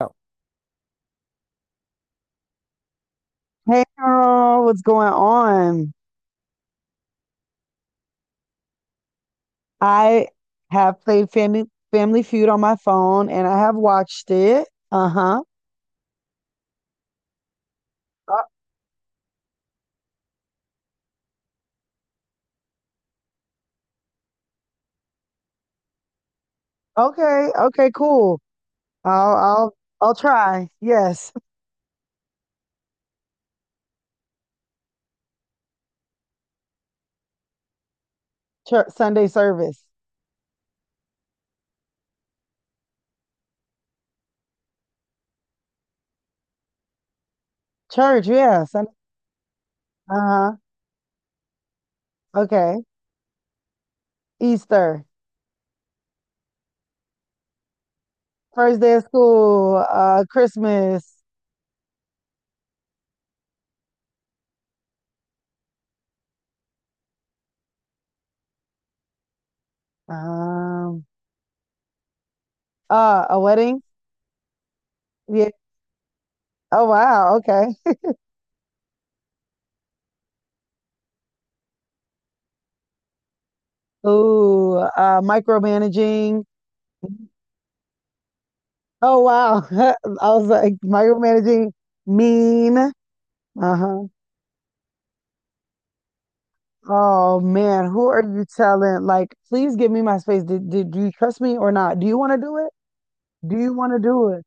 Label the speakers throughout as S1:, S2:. S1: Oh, hey girl, what's going on? I have played Family Feud on my phone and I have watched it. Uh-huh. Uh, okay, okay, cool. I'll try. Yes. Church, Sunday service. Church, yeah. Sun, uh-huh. Okay. Easter. First day of school, Christmas. Um a wedding? Yeah. Oh wow, okay. Ooh, micromanaging. Oh wow. I was like micromanaging mean. Uh-huh. Oh man, who are you telling? Like, please give me my space. Did do you trust me or not? Do you want to do it? Do you want to do it?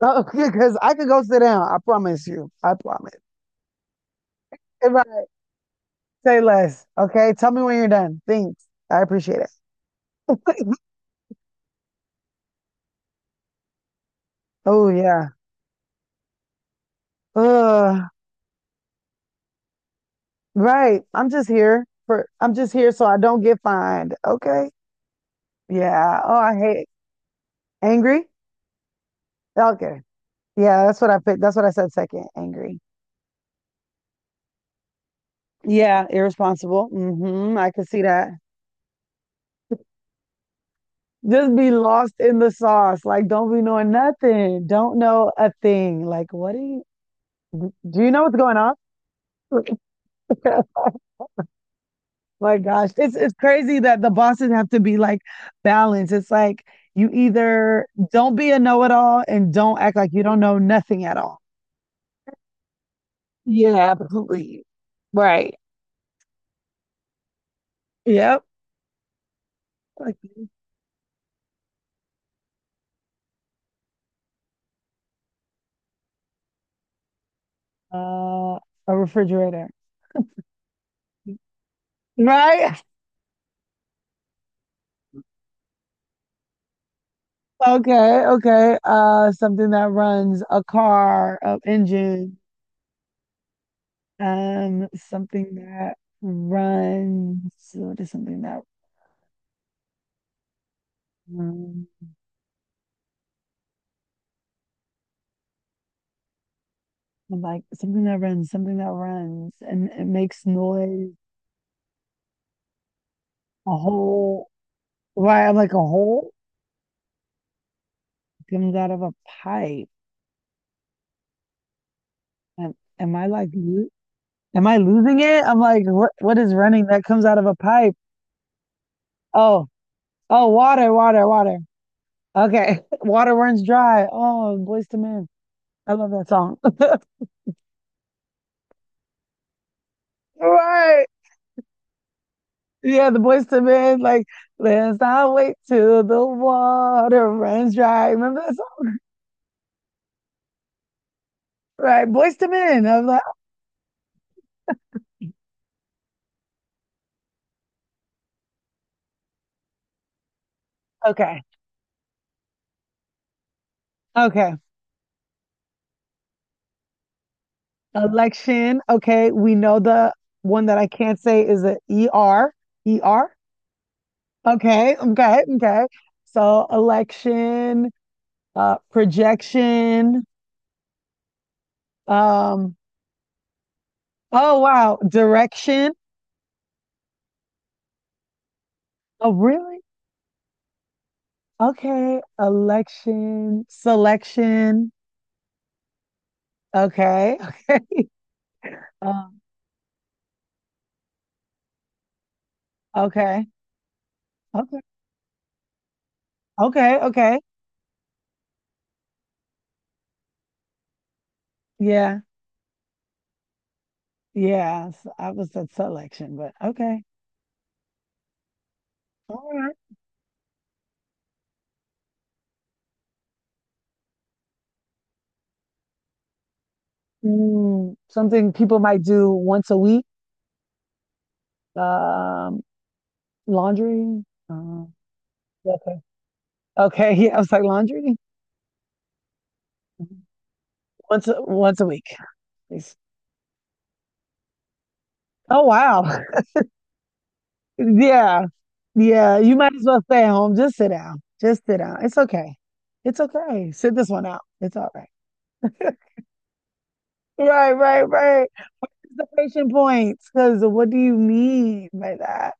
S1: Oh, because I could go sit down. I promise you. I promise. If I say less, okay? Tell me when you're done. Thanks. I appreciate it. Oh yeah. Uh, right. I'm just here for I'm just here so I don't get fined. Okay. Yeah. Oh, I hate angry. Okay. Yeah, that's what I picked. That's what I said second, angry. Yeah, irresponsible. Mm-hmm. I could see that. Just be lost in the sauce. Like, don't be knowing nothing. Don't know a thing. Like, what do you know what's going on? My gosh. It's crazy that the bosses have to be like balanced. It's like you either don't be a know-it-all and don't act like you don't know nothing at all. Yeah, absolutely. Right. Yep. Like uh a refrigerator. Right? Okay, okay. Something that runs a car, a engine. Something that runs. What is something that runs? I'm like something that runs, and it makes noise. A hole. Why? I'm like a hole comes out of a pipe. Am, am I like? Lo-, am I losing it? I'm like, what? What is running that comes out of a pipe? Oh, oh, water, water, water. Okay, water runs dry. Oh, Boys to Men. I love that song. Right. Yeah, the Boys to Men, like, let's not wait till the water runs dry. Remember that song? Right. Boys to Men. I was like, okay, okay. Election. Okay. We know the one that I can't say is a ER. ER. Okay. Okay. Okay. So election, projection. Um, oh wow. Direction. Oh, really? Okay. Election, selection. Okay. Um, okay. Okay. Okay. Okay. Yeah. Yeah. So I was at selection, but okay. All right. Mm, something people might do once a week. Um, laundry. Uh, yeah. Okay. Yeah. I was like laundry once a week. Please. Oh wow. Yeah. Yeah. You might as well stay at home. Just sit down. Just sit down. It's okay. It's okay. Sit this one out. It's all right. Right. Right. Right. Observation points, because what do you mean by that?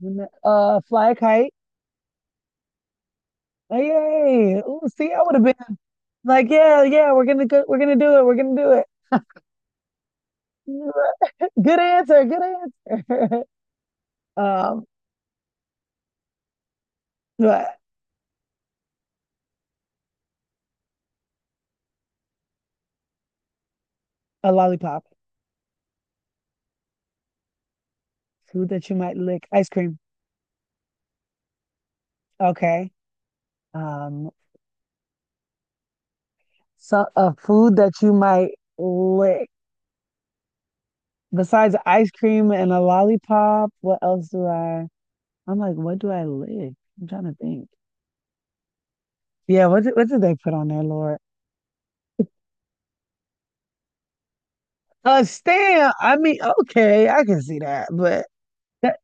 S1: Fly a kite. Oh, yay! Ooh, see, I would have been like, yeah, yeah, we're gonna go, we're gonna do it, we're gonna do it. Good answer, good answer. um, but a lollipop, food that you might lick, ice cream. Okay. Um, so a food that you might lick besides ice cream and a lollipop. What else do I? I'm like, what do I lick? I'm trying to think. Yeah, what did they put on there, Lord? Stan. I mean, okay, I can see that, but that,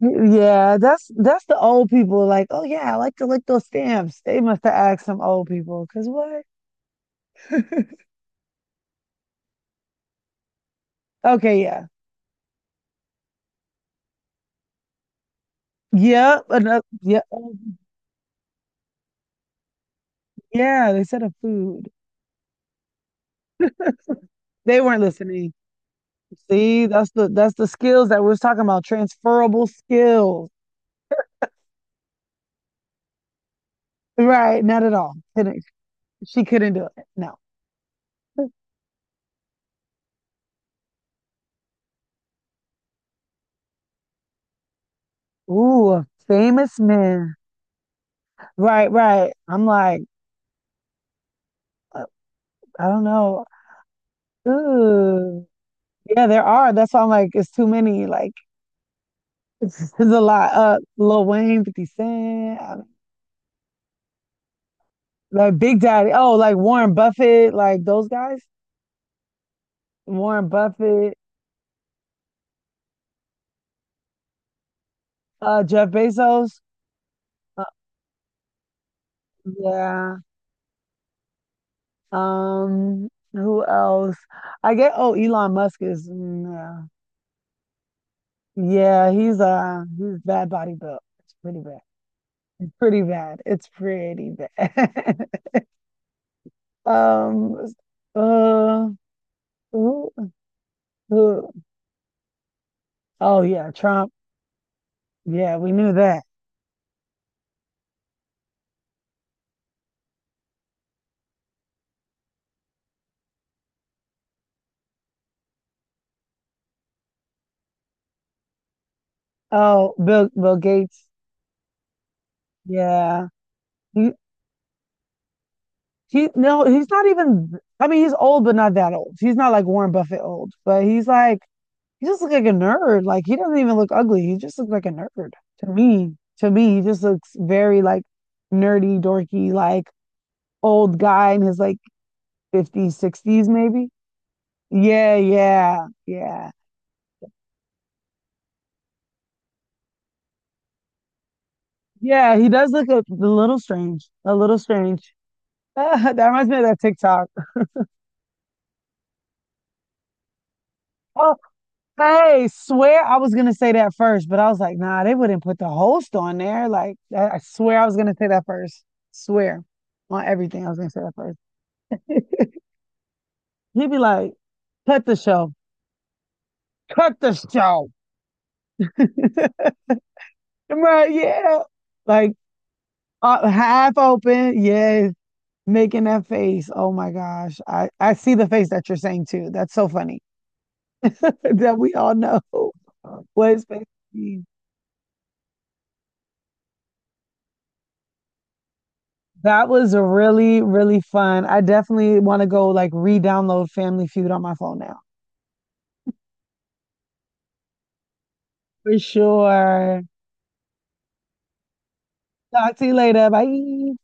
S1: yeah, that's the old people. Like, oh yeah, I like to lick those stamps. They must have asked some old people, cause what? Okay, yeah, yeah, another, yeah, yeah. They said a food. They weren't listening. See, that's the skills that we was talking about. Transferable skills, right? Not at all. Couldn't, she couldn't do it. No. Ooh, famous men. Right, right. I'm like. I don't know. Ooh. Yeah, there are. That's why I'm like, it's too many. Like, it's a lot. Lil Wayne, 50 Cent, I mean, like Big Daddy. Oh, like Warren Buffett, like those guys. Warren Buffett, Jeff Bezos. Uh, yeah. Who else? I get, oh, Elon Musk is, mm, yeah. Yeah, he's bad body built. It's pretty bad. Pretty bad. It's pretty bad. Um, uh, Who? Oh yeah, Trump. Yeah, we knew that. Oh, Bill Gates. Yeah. He he no, he's not even I mean, he's old but not that old. He's not like Warren Buffett old, but he's like he just looks like a nerd. Like he doesn't even look ugly. He just looks like a nerd to me. To me, he just looks very like nerdy, dorky, like old guy in his like 50s, 60s maybe. Yeah, yeah, yeah. Yeah, he does look a little strange. A little strange. That reminds me of that TikTok. Oh, hey, swear I was gonna say that first, but I was like, nah, they wouldn't put the host on there. Like, I swear I was gonna say that first. Swear on everything, I was gonna say that first. He'd be like, cut the show, cut the show. Right? Yeah, like half open, yes, making that face. Oh my gosh, I see the face that you're saying too. That's so funny that we all know what his face. Is. That was a really, really fun. I definitely want to go like re-download Family Feud on my phone now. For sure. Talk to you later. Bye.